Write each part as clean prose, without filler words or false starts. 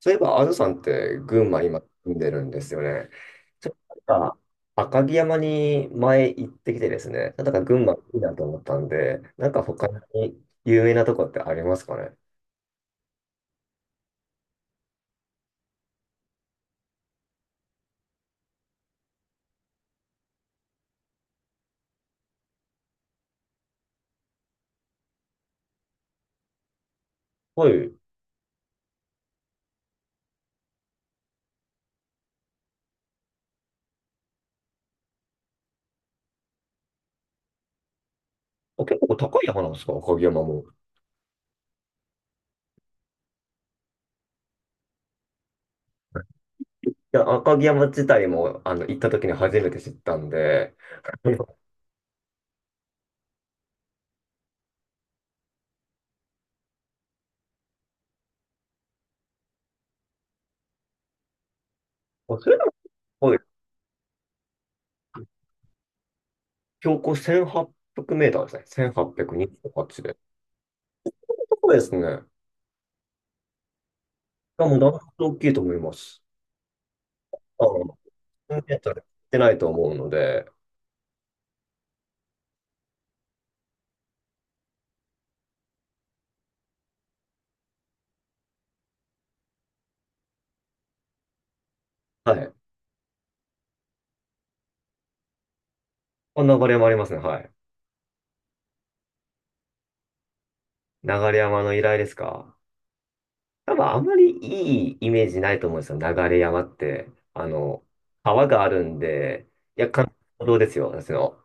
そういえば、あずさんって群馬今住んでるんですよね。ちょっとなんか赤城山に前行ってきてですね、なんか群馬いいなと思ったんで、なんか他に有名なとこってありますかね？はい。あ、結構高い山なんですか赤城山も。赤城山自体も行った時に初めて知ったんで、あのそれでも、はい、標高1800メーターですね。1828で。そうですね。いやもうだいぶ大きいと思います。あの、メータってないと思うので、はい。こんなバリもありますね。はい。流山の依頼ですか？多分あまりいいイメージないと思うんですよ。流山って。あの、川があるんで、いや、関道ですよ。私の。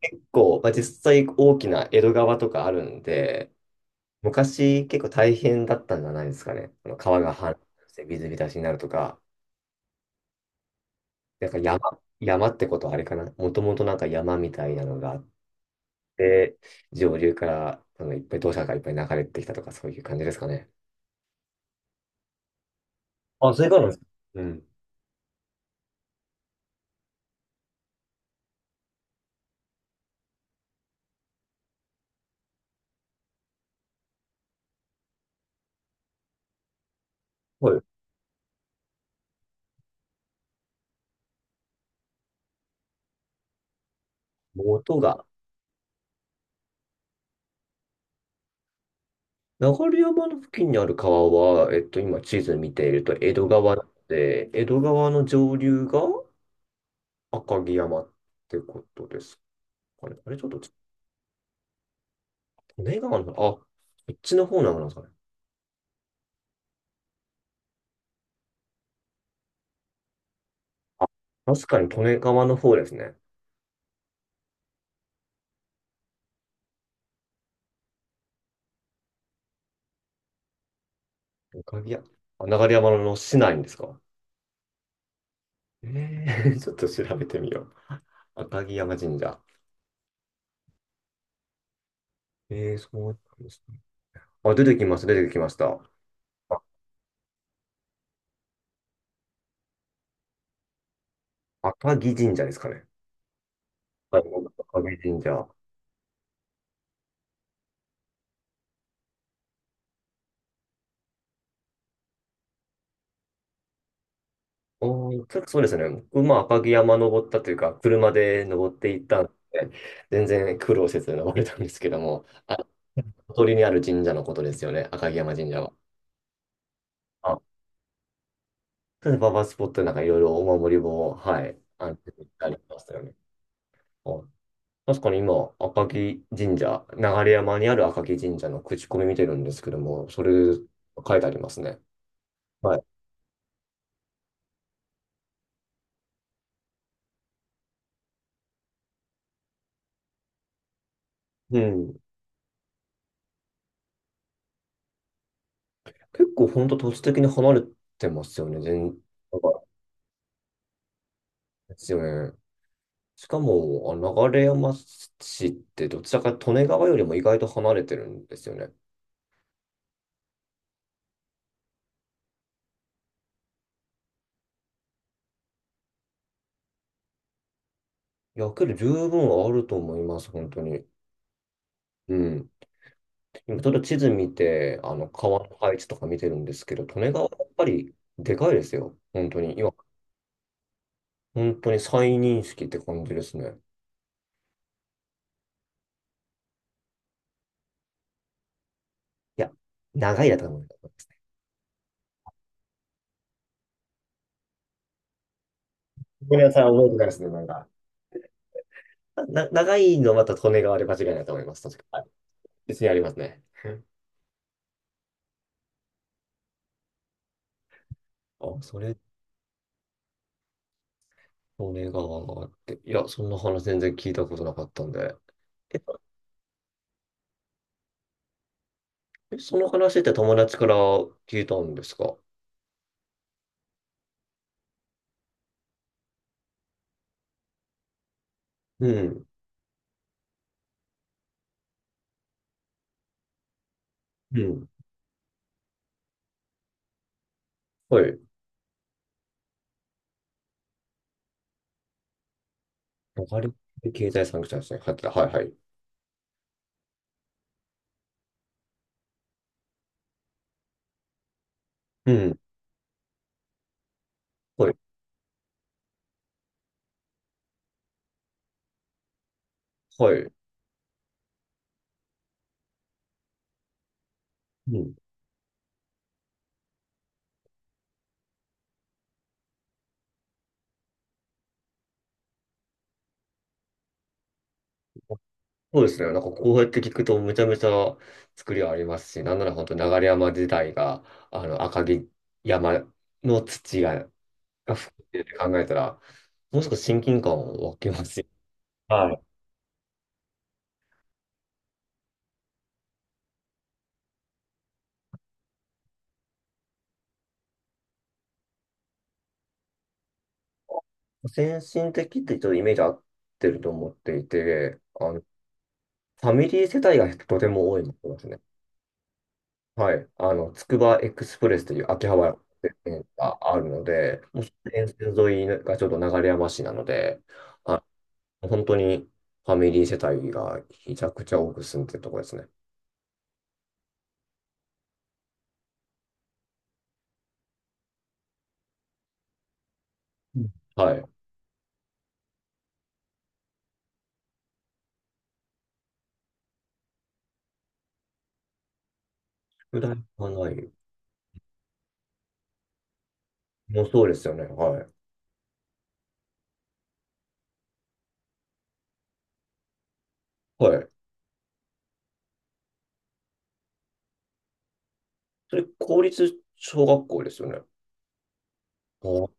結構、まあ、実際大きな江戸川とかあるんで、昔結構大変だったんじゃないですかね。あの川が氾濫して水浸しになるとか。なんか山ってことはあれかな。もともとなんか山みたいなのがあって、上流からいっぱい土砂がいっぱい流れてきたとかそういう感じですかね。あ、それからなんですか。うん。はい。元が。流山の付近にある川は、今地図見ていると江戸川なので、江戸川の上流が赤城山ってことですかね。あれ、ちょっと、利根川の、あ、こっちの方なのかな。あ、確かに利根川の方ですね。赤城山、あ流山の市内ですか？えー、ちょっと調べてみよう。赤城山神社。えー、そうなんですね。あ、出てきました。あ、赤城神社ですかね。はい、赤城神社。おー、ちょっとそうですね。僕も赤城山登ったというか、車で登っていったんで、全然苦労せず登れたんですけども、あ、小鳥にある神社のことですよね、赤城山神社は。あ、それです。パパスポットでなんかいろいろお守りも、はい、あの、行ったりしましたよね。あ確かに今、赤城神社、流山にある赤城神社の口コミ見てるんですけども、それ書いてありますね。はい。うん。結構本当、土地的に離れてますよね、全ですよね。しかも、あ流山市ってどちらかと利根川よりも意外と離れてるんですよね。いや、けど十分あると思います、本当に。うん。今、ちょっと地図見て、あの、川の配置とか見てるんですけど、利根川やっぱりでかいですよ。本当に。今、本当に再認識って感じですね。いや、長いだと思います。ごめんなさい、覚えてないですね、なんか。長いのまた利根川で間違いないと思います。確かに。はい別にありますね。あ、それ利根川があって、いや、そんな話全然聞いたことなかったんで。え、えその話って友達から聞いたんですか？うん。うん。はい。わかり経済産業者ですね。入ってた。はいはい。うん。はい。はい。うん。そうですね。なんかこうやって聞くとめちゃめちゃ作りはありますし、なんなら本当流山自体が、あの、赤城山の土が、が含んでるって考えたら、もう少し親近感を湧きますよ。はい先進的ってちょっとイメージ合ってると思っていて、あの、ファミリー世帯がとても多いのですね。はい。あの、つくばエクスプレスという秋葉原の線があるので、もう沿線沿いがちょうど流山市なので、あ、本当にファミリー世帯がひちゃくちゃ多く住んでるところですね。うんはい。宿題がない。もうそうですよね。はい。はい。それ、公立小学校ですよね。ああ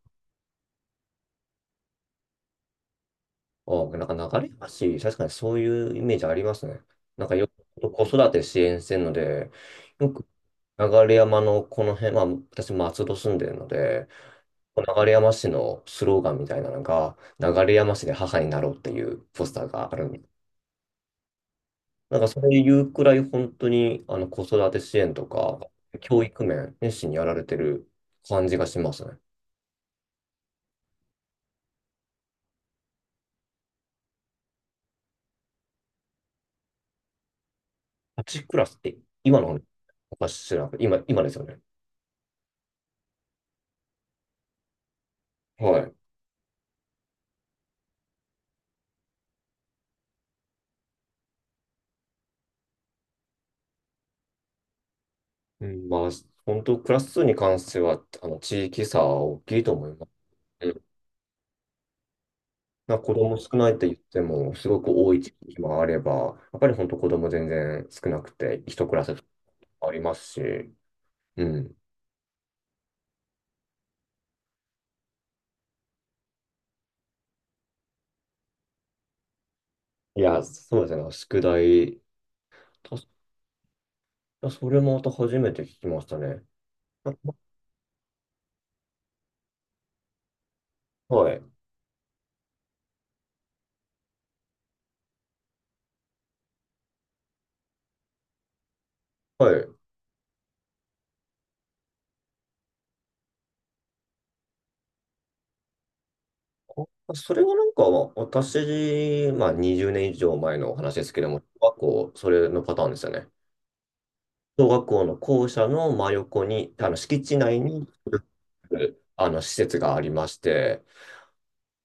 なんか流れ橋、確かにそういうイメージありますね。なんかよく子育て支援してるので、よく流山のこの辺、まあ私松戸住んでるので、流山市のスローガンみたいなのが、流山市で母になろうっていうポスターがあるんで、なんかそういうくらい本当にあの子育て支援とか、教育面、熱心にやられてる感じがしますね。8クラスって今のおかしら、今、今ですよね。はい。うん、まあ、本当、クラス数に関しては、あの、地域差は大きいと思います。うんな子供少ないって言っても、すごく多い地域もあれば、やっぱり本当子供全然少なくて、一クラスありますし、うん。いや、そうですね、宿題、たそれもまた初めて聞きましたね。あはい、はい。あそれはなんか、私、まあ20年以上前の話ですけども、小学校、それのパターンですよね。小学校の校舎の真横に、あの敷地内に、あの施設がありまして、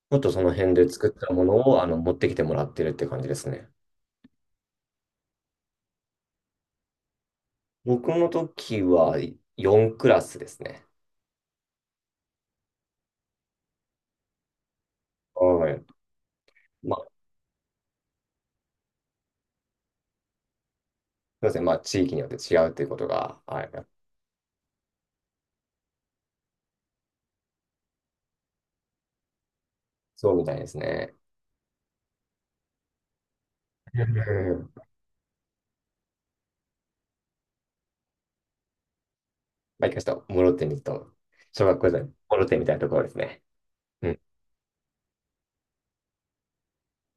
もっとその辺で作ったものをあの持ってきてもらってるって感じですね。僕の時は4クラスですね。はい。まあ、すみません。まあ、地域によって違うということが、はい、そうみたいですね。うんまあ、一回ちょっと、諸手にと、小学校時代、諸手みたいなところですね。うん